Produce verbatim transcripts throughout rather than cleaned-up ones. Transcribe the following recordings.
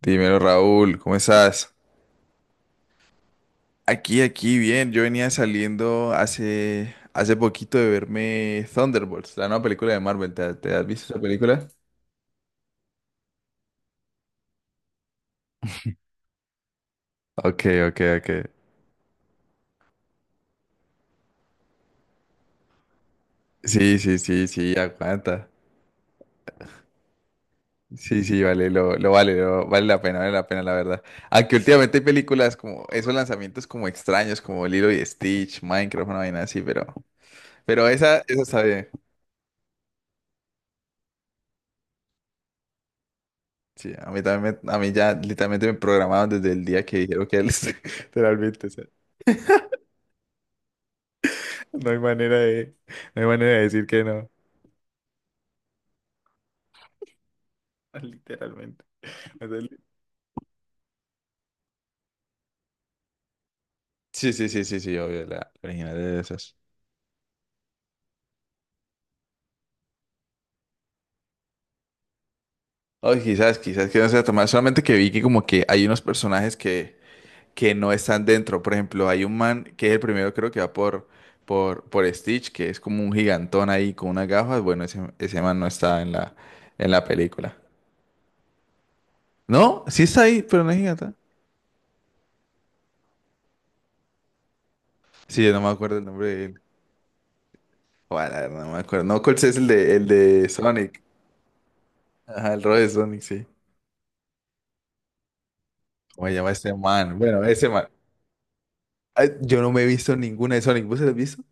Dímelo, Raúl, ¿cómo estás? Aquí, aquí, bien. Yo venía saliendo hace, hace poquito de verme Thunderbolts, la nueva película de Marvel. ¿Te, te has visto esa película? Ok, ok, ok. Sí, sí, sí, sí, aguanta. Sí, sí, vale, lo, lo vale, lo- vale la pena, vale la pena, la verdad. Aunque últimamente hay películas como esos lanzamientos como extraños, como Lilo y Stitch, Minecraft, una vaina así, pero, pero esa, esa está bien. Sí, a mí también, me- a mí ya literalmente me programaban desde el día que dijeron que era el- literalmente. No hay manera de, no hay manera de decir que no, literalmente. O sea, li- Sí, sí, sí, sí, sí, obvio, la la original de esas. Ay, quizás, quizás que no sea tan mal, solamente que vi que como que hay unos personajes que, que no están dentro. Por ejemplo, hay un man que es el primero, creo que va por, por, por Stitch, que es como un gigantón ahí con unas gafas. Bueno, ese, ese man no está en la, en la película. No, sí está ahí, pero no es gigante. Sí, yo no me acuerdo el nombre de él. Bueno, la verdad, no me acuerdo. No, Knuckles es el de, el de Sonic. Ajá, el rol de Sonic, sí. ¿Cómo se llama ese man? Bueno, ese man. Ay, yo no me he visto ninguna de Sonic. ¿Vos se la has visto?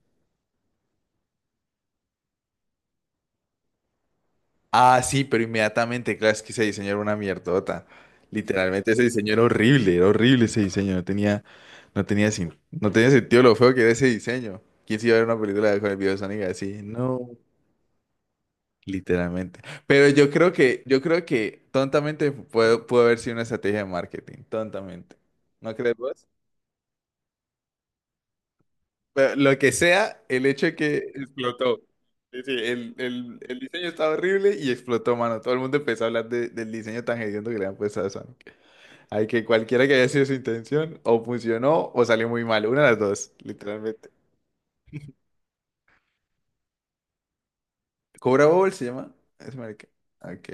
Ah, sí, pero inmediatamente, claro, es que ese diseño era una mierdota. Literalmente ese diseño era horrible, era horrible ese diseño. No tenía, no tenía, sin- no tenía sentido lo feo que era ese diseño. ¿Quién se iba a ver una película con el video de Sonic así? No, literalmente. Pero yo creo que, yo creo que tontamente pudo, pudo haber sido una estrategia de marketing. Tontamente. ¿No crees vos? Pero lo que sea, el hecho es que explotó. Sí, sí, el, el- el diseño estaba horrible y explotó, mano. Todo el mundo empezó a hablar de- del diseño tan hediondo que le han puesto a Sonic. Hay que cualquiera que haya sido su intención, o funcionó o salió muy mal. Una de las dos, literalmente. ¿Cobra Bowl se llama? Es marica. Ok.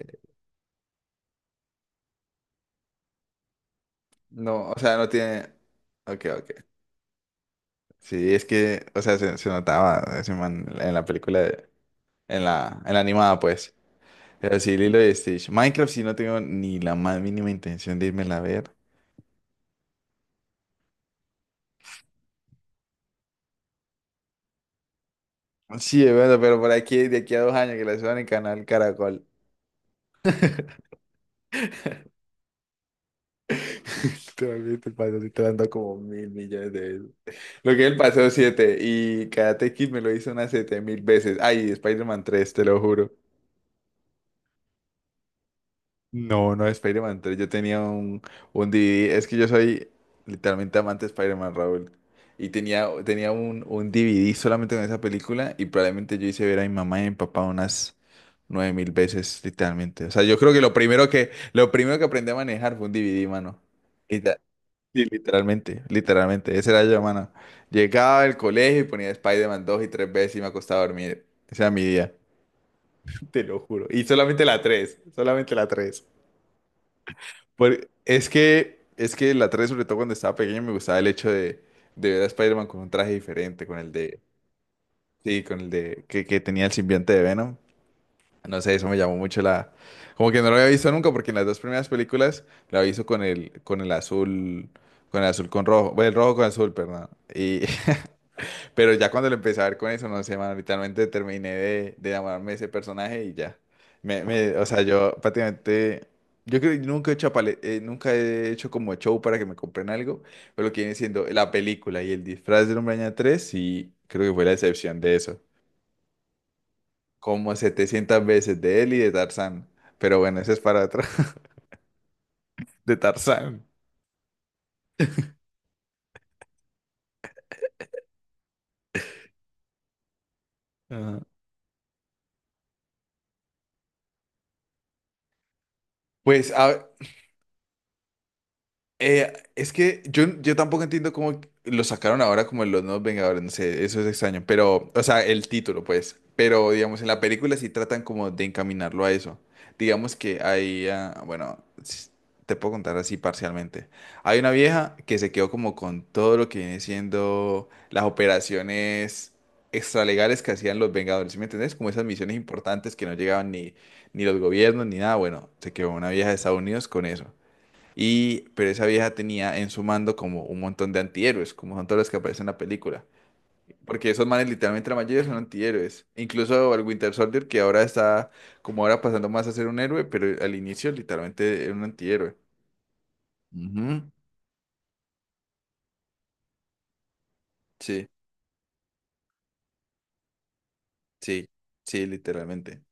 No, o sea, no tiene. Ok, ok. Sí, es que, o sea, se, se notaba ese man en la película, de- en la, en la animada, pues. Pero sí, Lilo y Stitch. Minecraft sí no tengo ni la más mínima intención de irme a ver. Sí, es verdad, pero por aquí, de aquí a dos años que la suban en Canal Caracol. Totalmente el paseo sí te lo han dado como mil millones de veces. Lo que es el paseo siete y Karate Kid me lo hizo unas siete mil veces. Ay, Spider-Man tres, te lo juro. No, no de Spider-Man tres. Yo tenía un, un D V D. Es que yo soy literalmente amante de Spider-Man, Raúl. Y tenía, tenía un, un D V D solamente con esa película. Y probablemente yo hice ver a mi mamá y a mi papá unas nueve mil veces, literalmente. O sea, yo creo que lo primero que, lo primero que aprendí a manejar fue un D V D, mano. Lita- Sí, literalmente, literalmente. Ese era yo, mano. Llegaba del colegio y ponía Spider-Man dos y tres veces y me acostaba a dormir. Ese era mi día. Te lo juro. Y solamente la tres, solamente la tres. Por- es que, es que la tres, sobre todo cuando estaba pequeño, me gustaba el hecho de, de ver a Spider-Man con un traje diferente, con el de, sí, con el de, que, que tenía el simbionte de Venom. No sé, eso me llamó mucho la, como que no lo había visto nunca, porque en las dos primeras películas lo había con el, con el azul, con el azul con rojo, bueno, el rojo con azul, perdón. Y, pero ya cuando lo empecé a ver con eso, no sé, man, literalmente terminé de, de enamorarme de ese personaje y ya. Me, me- o sea, yo prácticamente, yo creo que nunca he hecho, apale- eh, nunca he hecho como show para que me compren algo, pero lo que viene siendo la película y el disfraz del Hombre Araña tres, sí, creo que fue la excepción de eso. Como setecientas veces de él y de Tarzán. Pero bueno, ese es para atrás, de Tarzán. Ajá. Pues a- Eh, es que yo, yo tampoco entiendo cómo lo sacaron ahora como en los nuevos Vengadores, no sé, eso es extraño, pero, o sea, el título, pues, pero digamos, en la película sí tratan como de encaminarlo a eso. Digamos que hay, ah, bueno, s- te puedo contar así parcialmente. Hay una vieja que se quedó como con todo lo que viene siendo las operaciones extralegales que hacían los Vengadores, ¿sí me entendés? Como esas misiones importantes que no llegaban ni, ni los gobiernos ni nada, bueno, se quedó una vieja de Estados Unidos con eso. Y, pero esa vieja tenía en su mando como un montón de antihéroes, como son todos los que aparecen en la película. Porque esos manes literalmente la mayoría son antihéroes. Incluso el Winter Soldier, que ahora está como ahora pasando más a ser un héroe, pero al inicio literalmente era un antihéroe. Ujú. Sí, sí, sí, literalmente.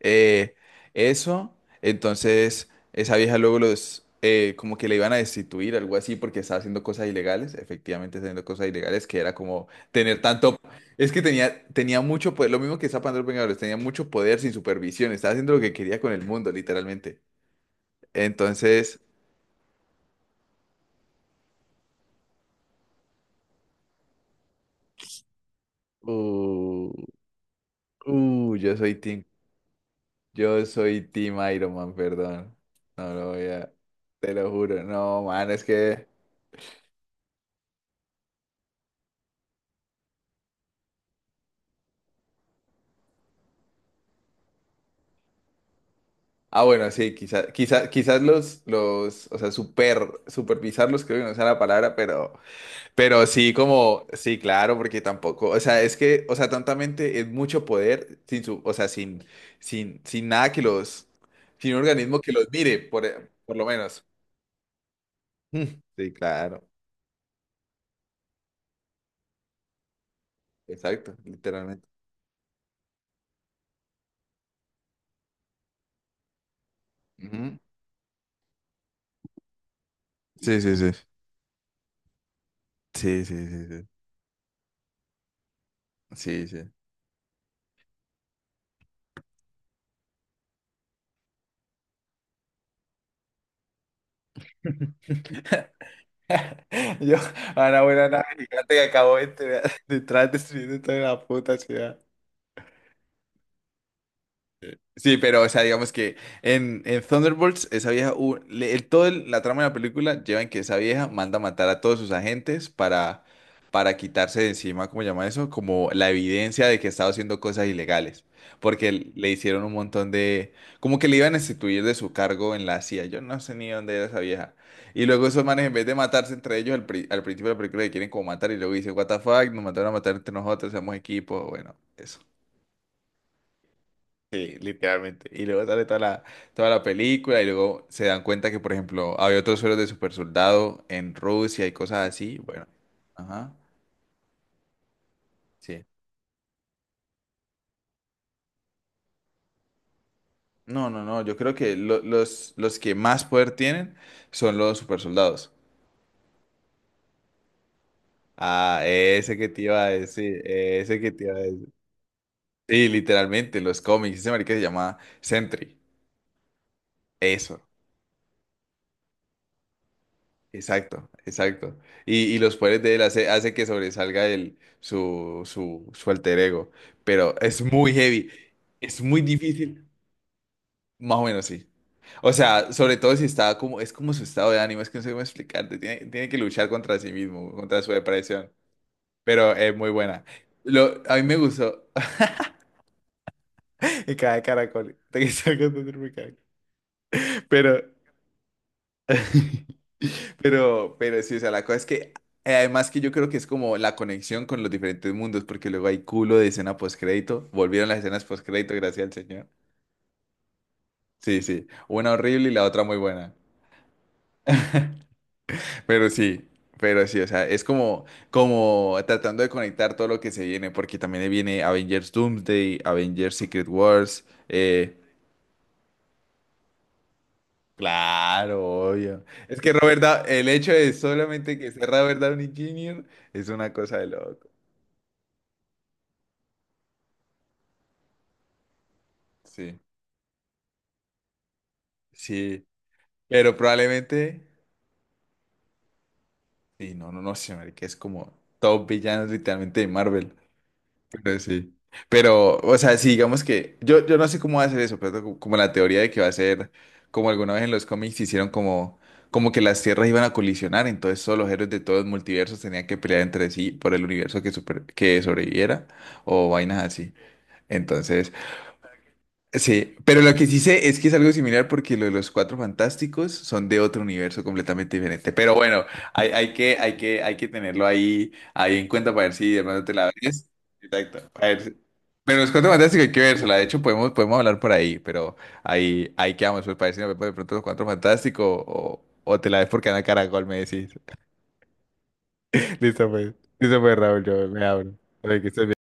Eh, eso, entonces esa vieja luego los, eh, como que le iban a destituir, algo así, porque estaba haciendo cosas ilegales, efectivamente haciendo cosas ilegales, que era como tener tanto, es que tenía, tenía mucho poder, lo mismo que está Pandora Vengadores, tenía mucho poder sin supervisión, estaba haciendo lo que quería con el mundo, literalmente. Entonces, uh, uh, yo soy Team, yo soy Team Iron Man, perdón, no lo voy a, te lo juro, no, man, es que... Ah, bueno, sí, quizás, quizás, quizás los, los, o sea, super, supervisarlos, creo que no sea la palabra, pero, pero sí, como, sí, claro, porque tampoco, o sea, es que, o sea, tontamente es mucho poder sin su, o sea, sin, sin, sin nada que los, sin un organismo que los mire, por, por lo menos. Mm, sí, claro, exacto, literalmente. Ujú. Sí, sí, sí. Sí, sí, sí, sí. Sí, sí. Yo, a una buena nave gigante que acabó de entrar- de entrar destruyendo toda la puta ciudad. Sí, pero, o sea, digamos que en, en Thunderbolts, esa vieja, hu- le- el- todo el- la trama de la película lleva en que esa vieja manda a matar a todos sus agentes para, para quitarse de encima, ¿cómo llama eso? Como la evidencia de que estaba haciendo cosas ilegales, porque l- le hicieron un montón de, como que le iban a instituir de su cargo en la C I A, yo no sé ni dónde era esa vieja. Y luego esos manes, en vez de matarse entre ellos, al, pri- al principio de la película le quieren como matar y luego dice, what the fuck, nos mandaron a matar entre nosotros, somos equipo, bueno, eso. Sí, literalmente. Y luego sale toda la, toda la película y luego se dan cuenta que, por ejemplo, había otros sueros de super soldado en Rusia y cosas así. Bueno, ajá, sí. No, no, no, yo creo que lo- los, los que más poder tienen son los super soldados. Ah, ese que te iba a decir, ese que te iba a decir. Sí, literalmente, los cómics. Ese marica se llama Sentry. Eso. Exacto, exacto. Y, y los poderes de él hace, hace que sobresalga el, su, su, su alter ego. Pero es muy heavy. Es muy difícil. Más o menos sí. O sea, sobre todo si está como, es como su estado de ánimo, es que no sé cómo explicarte. Tiene, tiene que luchar contra sí mismo, contra su depresión. Pero es muy buena. Lo, a mí me gustó. Me cae caracol. Te quise contar, me cae. Pero, Pero, pero sí, o sea, la cosa es que eh, además que yo creo que es como la conexión con los diferentes mundos, porque luego hay culo de escena postcrédito. Volvieron las escenas postcrédito, gracias al señor. Sí, sí. Una horrible y la otra muy buena. Pero sí, pero sí, o sea, es como, como tratando de conectar todo lo que se viene, porque también viene Avengers Doomsday, Avengers Secret Wars, eh, claro, obvio. Es que Robert Da- el hecho de solamente que sea Robert Downey junior es una cosa de loco. Sí. Sí, pero probablemente. Sí, no, no, no sé, marica, es como top villanos literalmente de Marvel. Pero sí. Pero, o sea, sí, digamos que. Yo, yo no sé cómo va a ser eso, pero co- como la teoría de que va a ser. Como alguna vez en los cómics hicieron como. Como que las tierras iban a colisionar, entonces todos los héroes de todos los multiversos tenían que pelear entre sí por el universo que, super- que sobreviviera o vainas así. Entonces. Sí, pero lo que sí sé es que es algo similar porque lo de los Cuatro Fantásticos son de otro universo completamente diferente. Pero bueno, hay, hay que, hay que, hay que tenerlo ahí, ahí en cuenta para ver si de pronto te la ves. Exacto. A ver si- Pero los Cuatro Fantásticos hay que vérsela. De hecho, podemos, podemos hablar por ahí, pero ahí, ahí quedamos. Pues para ver si nos vemos de pronto los Cuatro Fantásticos o, o te la ves por Canal Caracol, me decís. Listo, pues. Listo, pues, Raúl, yo me abro. Oye, que estés bien.